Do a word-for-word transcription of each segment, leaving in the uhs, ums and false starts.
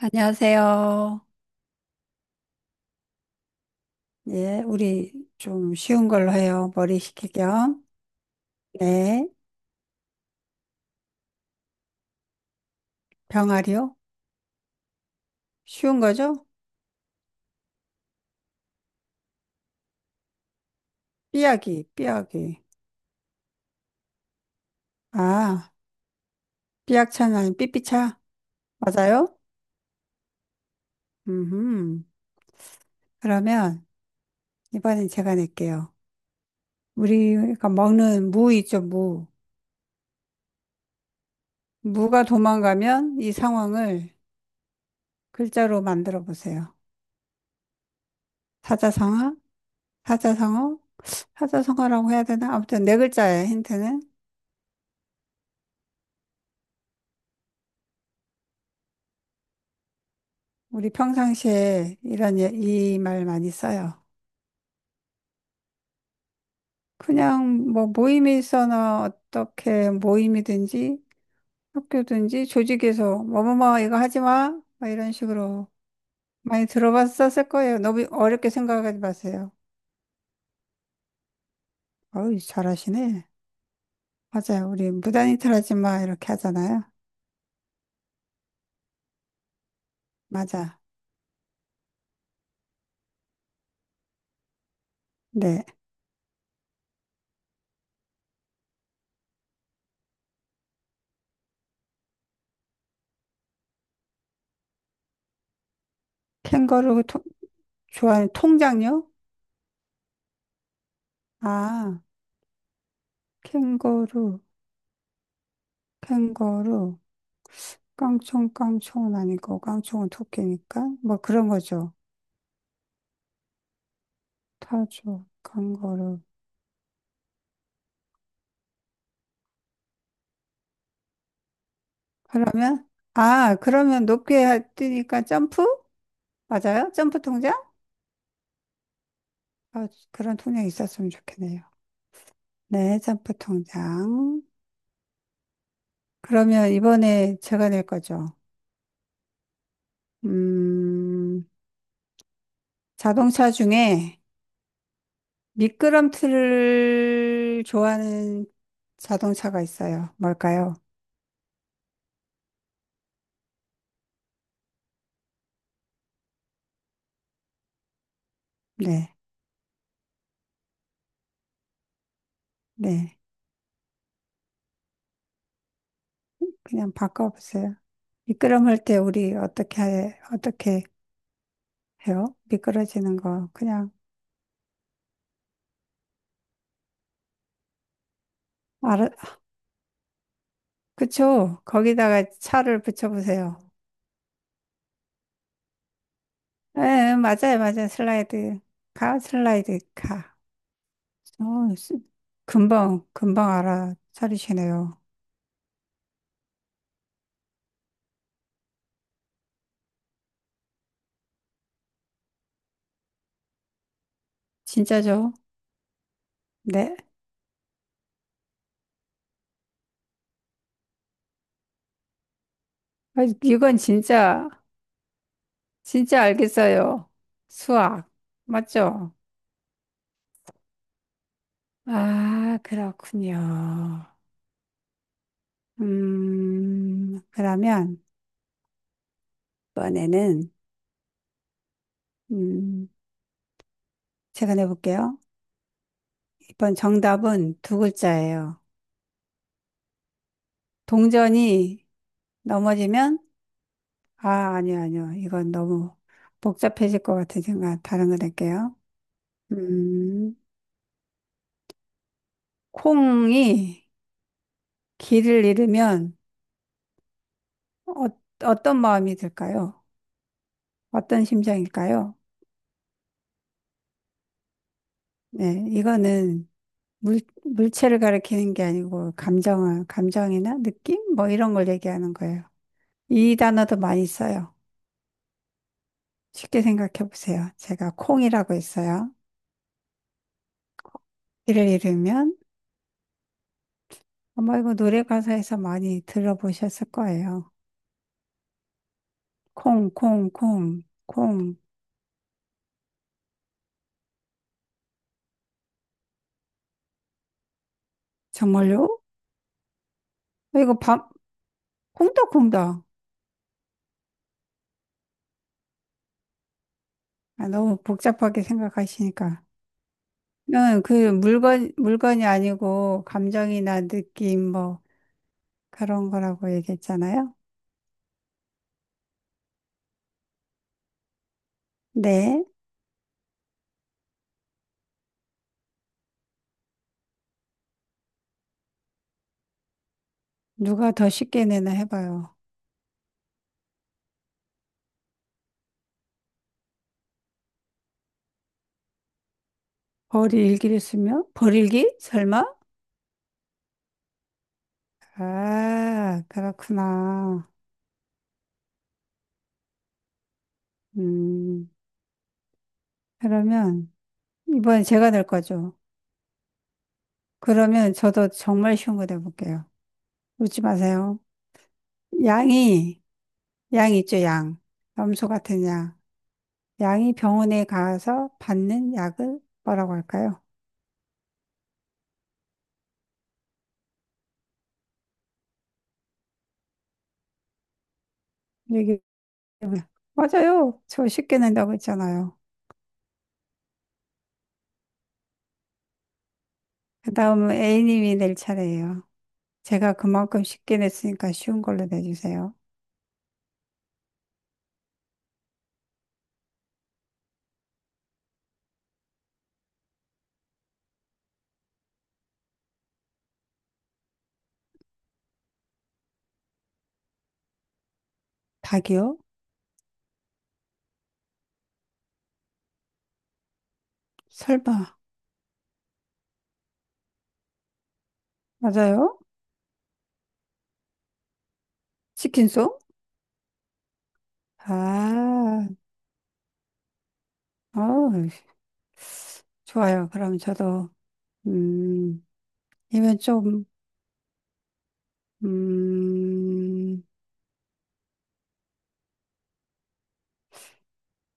안녕하세요. 예, 우리 좀 쉬운 걸로 해요. 머리 식힐 겸. 네, 병아리요? 쉬운 거죠? 삐약이, 삐약이. 아, 삐약차는 아 삐삐차? 맞아요? 음, 그러면 이번엔 제가 낼게요. 우리가 먹는 무 있죠, 무. 무가 도망가면 이 상황을 글자로 만들어 보세요. 사자성어? 사자성어? 사자성어라고 해야 되나? 아무튼 네 글자예요, 힌트는. 우리 평상시에 이런 예, 이말 많이 써요. 그냥 뭐 모임에 있어나 어떻게 모임이든지 학교든지 조직에서 뭐뭐뭐 이거 하지 마. 막 이런 식으로 많이 들어봤었을 거예요. 너무 어렵게 생각하지 마세요. 어우, 잘하시네. 맞아요. 우리 무단이탈 하지 마. 이렇게 하잖아요. 맞아. 네. 캥거루 통, 좋아하는 통장요? 아, 캥거루, 캥거루. 깡총, 깡총은 아니고, 깡총은 토끼니까. 뭐 그런 거죠. 타조, 강거루. 그러면, 아, 그러면 높게 하- 뛰니까 점프? 맞아요? 점프 통장? 아, 그런 통장이 있었으면 좋겠네요. 네, 점프 통장. 그러면 이번에 제가 낼 거죠. 음, 자동차 중에 미끄럼틀을 좋아하는 자동차가 있어요. 뭘까요? 네, 네. 그냥 바꿔보세요. 미끄럼할 때 우리 어떻게, 해- 어떻게 해요? 미끄러지는 거. 그냥, 알아, 그쵸? 거기다가 차를 붙여보세요. 예, 예, 맞아요, 맞아요. 슬라이드, 가, 슬라이드, 가. 어, 스- 금방, 금방 알아차리시네요. 진짜죠? 네. 아, 이건 진짜, 진짜 알겠어요. 수학. 맞죠? 아, 그렇군요. 음, 그러면, 이번에는, 음, 제가 내볼게요. 이번 정답은 두 글자예요. 동전이 넘어지면, 아, 아니요, 아니요. 이건 너무 복잡해질 것 같으니까 다른 거 낼게요. 음, 콩이 길을 잃으면 어, 어떤 마음이 들까요? 어떤 심정일까요? 네, 이거는 물, 물체를 가리키는 게 아니고 감정을, 감정이나 느낌? 뭐 이런 걸 얘기하는 거예요. 이 단어도 많이 써요. 쉽게 생각해 보세요. 제가 콩이라고 있어요. 이를 잃으면 아마 이거 노래 가사에서 많이 들어보셨을 거예요. 콩, 콩, 콩, 콩. 정말요? 어, 이거 밤, 콩닥콩닥. 아, 너무 복잡하게 생각하시니까. 응, 그 물건, 물건이 아니고 감정이나 느낌 뭐 그런 거라고 얘기했잖아요. 네. 누가 더 쉽게 내나 해봐요. 벌이 일기를 쓰면? 벌일기? 설마? 아, 그렇구나. 음, 그러면 이번에 제가 될 거죠. 그러면 저도 정말 쉬운 거 내볼게요. 웃지 마세요. 양이, 양 있죠, 양. 염소 같은 양. 양이 병원에 가서 받는 약을 뭐라고 할까요? 얘기해 보세요. 맞아요. 저 쉽게 낸다고 했잖아요. 그 다음은 A님이 낼 차례예요. 제가 그만큼 쉽게 냈으니까 쉬운 걸로 내주세요. 닭이요? 설마. 맞아요? 치킨송? 아, 어, 좋아요. 그럼 저도, 음, 이건 좀, 음,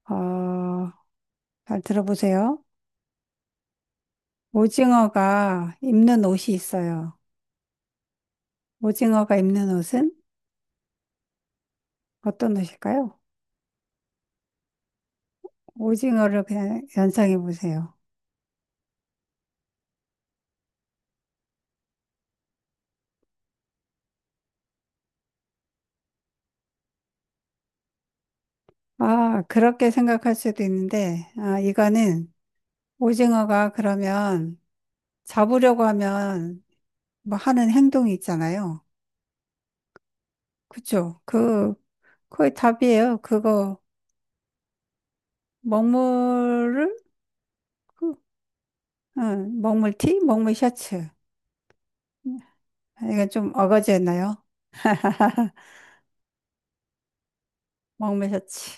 어, 잘 들어보세요. 오징어가 입는 옷이 있어요. 오징어가 입는 옷은 어떤 옷일까요? 오징어를 그냥 연상해 보세요. 아, 그렇게 생각할 수도 있는데, 아, 이거는 오징어가 그러면 잡으려고 하면 뭐 하는 행동이 있잖아요. 그쵸? 그, 거의 답이에요. 그거, 먹물을 응, 먹물 티? 먹물 셔츠. 이건 좀 어거지였나요? 먹물 셔츠.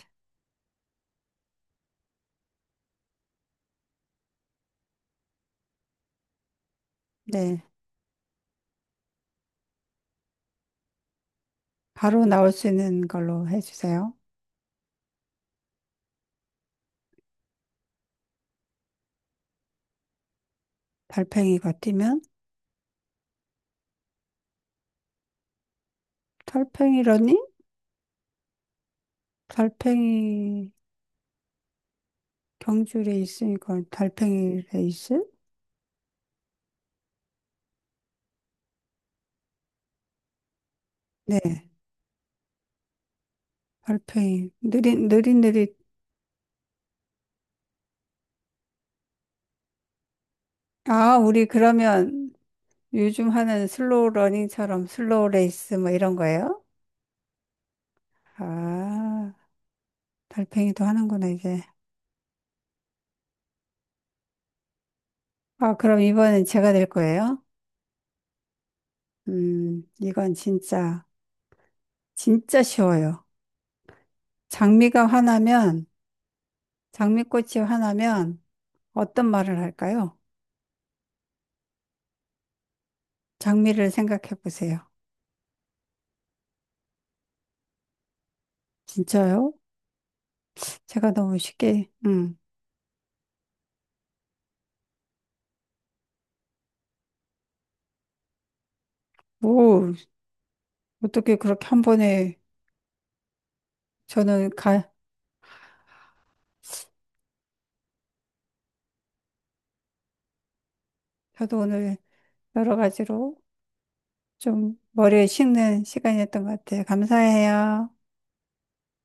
네. 바로 나올 수 있는 걸로 해주세요. 달팽이가 뛰면? 달팽이 러닝? 달팽이 경주 레이스니까 달팽이 레이스? 네. 달팽이. 느린, 느릿느릿. 아, 우리 그러면 요즘 하는 슬로우 러닝처럼 슬로우 레이스 뭐 이런 거예요? 아, 달팽이도 하는구나, 이제. 아, 그럼 이번엔 제가 될 거예요? 음, 이건 진짜, 진짜 쉬워요. 장미가 화나면, 장미꽃이 화나면 어떤 말을 할까요? 장미를 생각해 보세요. 진짜요? 제가 너무 쉽게, 음, 뭐, 어떻게 그렇게 한 번에 저는 가, 저도 오늘 여러 가지로 좀 머리에 식는 시간이었던 것 같아요. 감사해요.